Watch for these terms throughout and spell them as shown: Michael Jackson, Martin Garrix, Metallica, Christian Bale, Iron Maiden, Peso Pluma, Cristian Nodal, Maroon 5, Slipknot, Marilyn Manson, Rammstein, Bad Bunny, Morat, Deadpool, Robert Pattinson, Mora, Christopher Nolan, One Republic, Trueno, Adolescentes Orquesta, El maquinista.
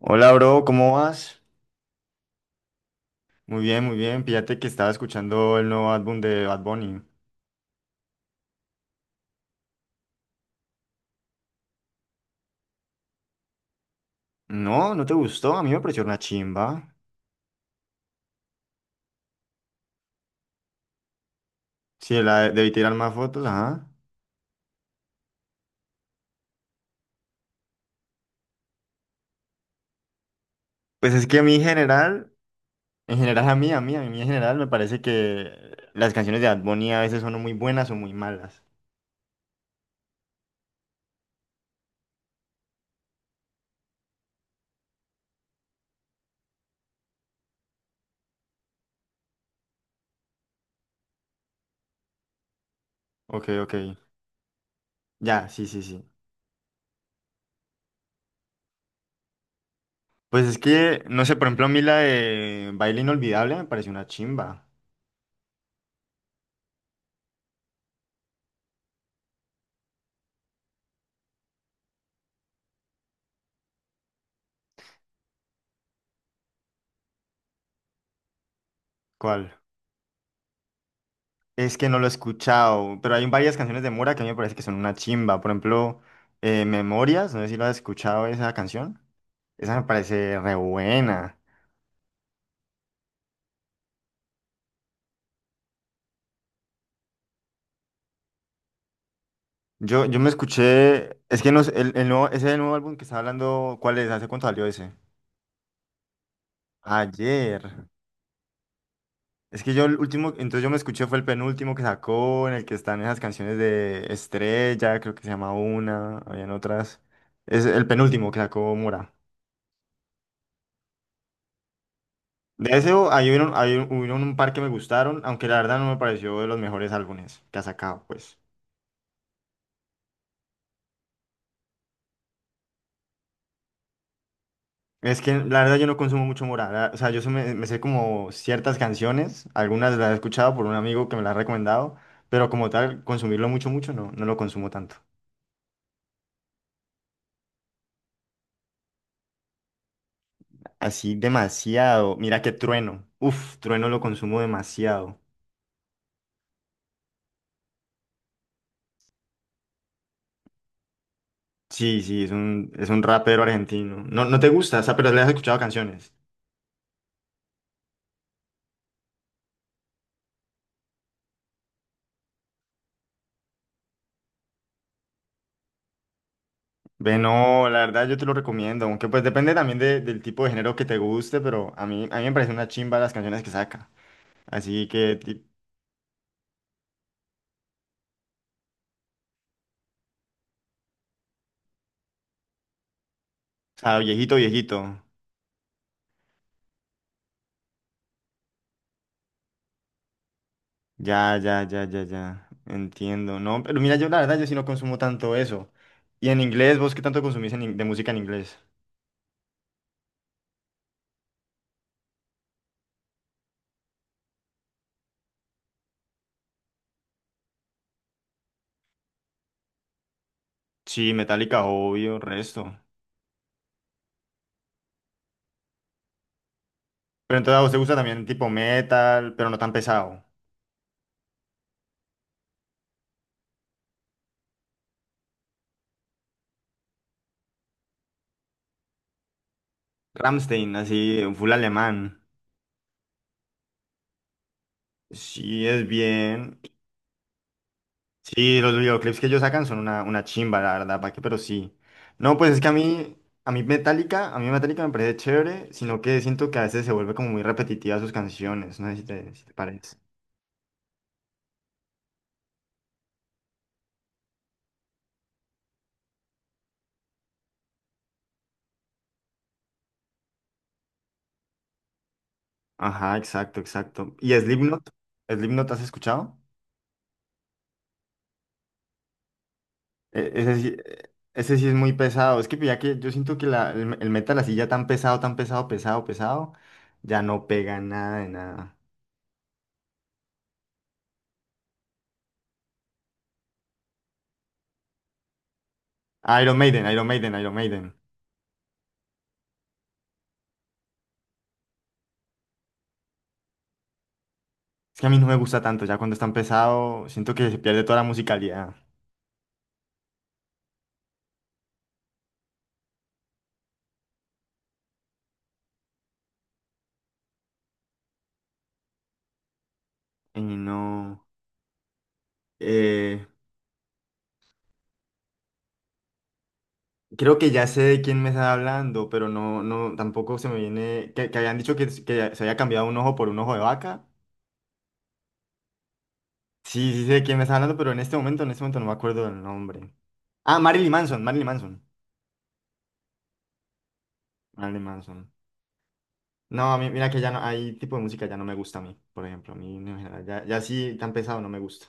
Hola, bro, ¿cómo vas? Muy bien, muy bien. Fíjate que estaba escuchando el nuevo álbum de Bad Bunny. No, ¿no te gustó? A mí me pareció una chimba. Sí, la debí tirar más fotos, ajá. Pues es que a mí en general a mí, a mí en general me parece que las canciones de Bad Bunny a veces son o muy buenas o muy malas. Ok, ok. Ya, sí, sí, sí. Pues es que, no sé, por ejemplo, a mí la de Baile Inolvidable me pareció una chimba. ¿Cuál? Es que no lo he escuchado, pero hay varias canciones de Mora que a mí me parece que son una chimba. Por ejemplo, Memorias, no sé si lo has escuchado esa canción. Esa me parece re buena. Yo me escuché, es que no sé, el nuevo, ese nuevo álbum que estaba hablando, ¿cuál es? ¿Hace cuánto salió ese? Ayer. Es que yo el último, entonces yo me escuché fue el penúltimo que sacó, en el que están esas canciones de Estrella, creo que se llama una, habían otras. Es el penúltimo que sacó Mora. De ese hay un, hubieron un par que me gustaron, aunque la verdad no me pareció de los mejores álbumes que ha sacado, pues. Es que la verdad yo no consumo mucho Morat, o sea, yo se me, me sé como ciertas canciones, algunas las he escuchado por un amigo que me las ha recomendado, pero como tal, consumirlo mucho, mucho, no, no lo consumo tanto. Así demasiado, mira que Trueno, uf, Trueno lo consumo demasiado. Sí, sí, es un rapero argentino. No, no te gusta, o sea, pero le has escuchado canciones. Ve, no, la verdad yo te lo recomiendo, aunque pues depende también del tipo de género que te guste, pero a mí me parece una chimba las canciones que saca. Así que, ti- o sea, viejito, viejito. Ya, ya, ya, ya, ya. Entiendo, ¿no? Pero mira, yo la verdad yo sí no consumo tanto eso. Y en inglés, ¿vos qué tanto consumís en de música en inglés? Sí, Metallica, obvio, resto. Pero entonces a vos te gusta también tipo metal, pero no tan pesado. Rammstein, así, full alemán. Sí, es bien. Sí, los videoclips que ellos sacan son una chimba, la verdad, ¿para qué? Pero sí. No, pues es que a mí Metallica me parece chévere, sino que siento que a veces se vuelve como muy repetitiva sus canciones, no sé si te, si te parece. Ajá, exacto, exacto. ¿Y Slipknot? ¿Slipknot has escuchado? Ese sí, ese sí es muy pesado, es que ya que yo siento que la, el metal así ya tan pesado, pesado, pesado, ya no pega nada de nada. Iron Maiden, Iron Maiden, Iron Maiden. Es que a mí no me gusta tanto, ya cuando está pesado, siento que se pierde toda la musicalidad. Y no. eh, Creo que ya sé de quién me está hablando, pero no, no, tampoco se me viene. Que habían dicho que se había cambiado un ojo por un ojo de vaca. Sí, sí sé de quién me está hablando, pero en este momento no me acuerdo del nombre. Ah, Marilyn Manson, Marilyn Manson. Marilyn Manson. No, a mí, mira que ya no, hay tipo de música ya no me gusta a mí, por ejemplo. A mí en general, ya, ya sí tan pesado no me gusta.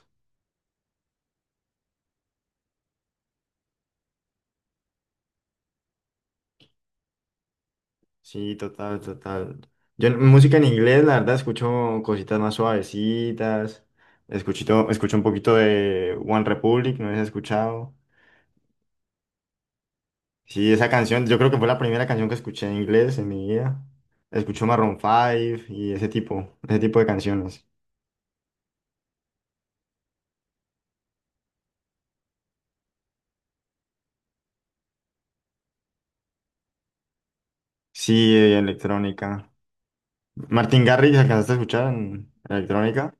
Sí, total, total. Yo música en inglés, la verdad, escucho cositas más suavecitas. Escuchito, escucho un poquito de One Republic, no sé si has escuchado. Sí, esa canción, yo creo que fue la primera canción que escuché en inglés en mi vida. Escucho Maroon 5 y ese tipo de canciones. Sí, electrónica. Martin Garrix, ¿alcanzaste a escuchar en electrónica?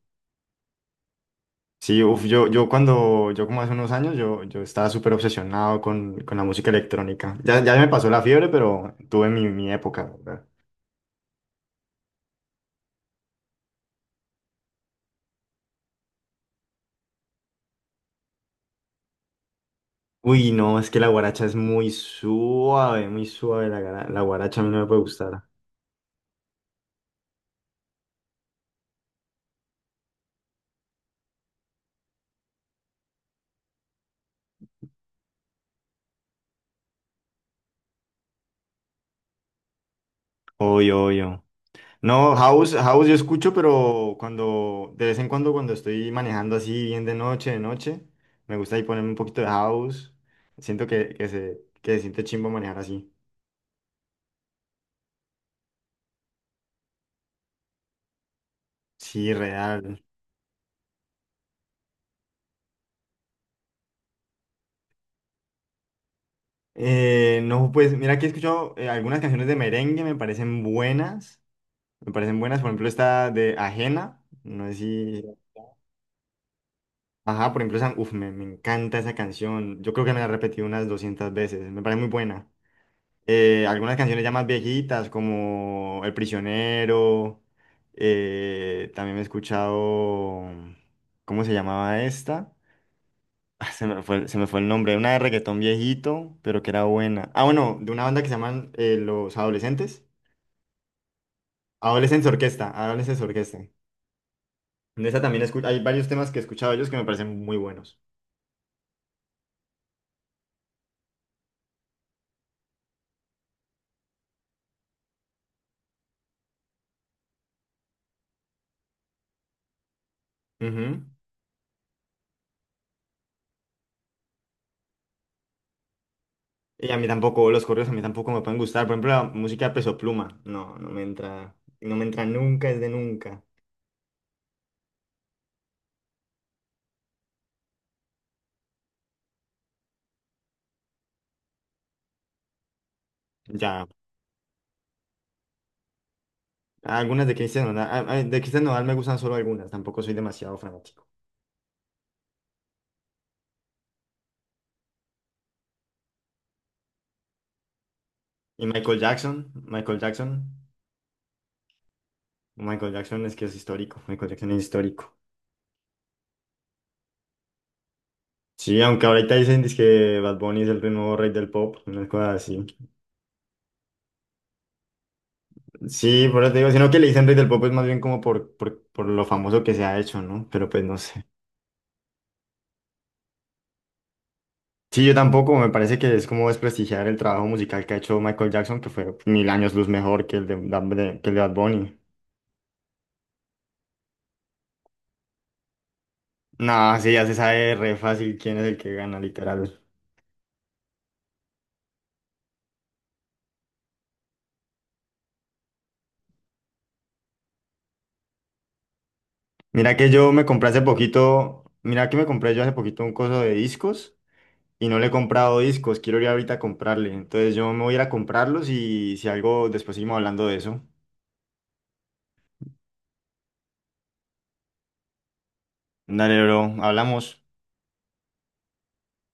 Sí, uf, yo cuando, yo como hace unos años, yo estaba súper obsesionado con la música electrónica. Ya, ya me pasó la fiebre, pero tuve mi, mi época, ¿verdad? Uy, no, es que la guaracha es muy suave, la, la guaracha a mí no me puede gustar. Obvio, obvio. No, house, house yo escucho, pero cuando, de vez en cuando cuando estoy manejando así bien de noche, me gusta ahí ponerme un poquito de house. Siento que se siente chimbo manejar así. Sí, real. No, pues mira que he escuchado algunas canciones de merengue, me parecen buenas. Me parecen buenas, por ejemplo, esta de Ajena. No sé si. Ajá, por ejemplo, esa. Uf, me encanta esa canción. Yo creo que me la he repetido unas 200 veces. Me parece muy buena. Algunas canciones ya más viejitas, como El Prisionero. También me he escuchado. ¿Cómo se llamaba esta? Ah, se me fue, se me fue el nombre, una de reggaetón viejito, pero que era buena. Ah, bueno, de una banda que se llaman Los Adolescentes. Adolescentes Orquesta, Adolescentes Orquesta. De esa también hay varios temas que he escuchado de ellos que me parecen muy buenos. Ujú. Y a mí tampoco, los correos a mí tampoco me pueden gustar. Por ejemplo, la música de Peso Pluma. No, no me entra, no me entra nunca, es de nunca. Ya, algunas de Cristian Nodal, ah, ah, de Cristian Nodal me gustan solo algunas, tampoco soy demasiado fanático. Y Michael Jackson, Michael Jackson. Michael Jackson es que es histórico. Michael Jackson es histórico. Sí, aunque ahorita dicen que Bad Bunny es el nuevo rey del pop, una cosa así. Sí, por eso te digo, sino que le dicen rey del pop es más bien como por lo famoso que se ha hecho, ¿no? Pero pues no sé. Sí, yo tampoco, me parece que es como desprestigiar el trabajo musical que ha hecho Michael Jackson, que fue mil años luz mejor que el de, que el de Bad Bunny. No, sí, ya se sabe re fácil quién es el que gana, literal. Mira que yo me compré hace poquito, mira que me compré yo hace poquito un coso de discos. Y no le he comprado discos, quiero ir ahorita a comprarle. Entonces yo me voy a ir a comprarlos y si algo, después seguimos hablando de eso. Dale, bro, hablamos.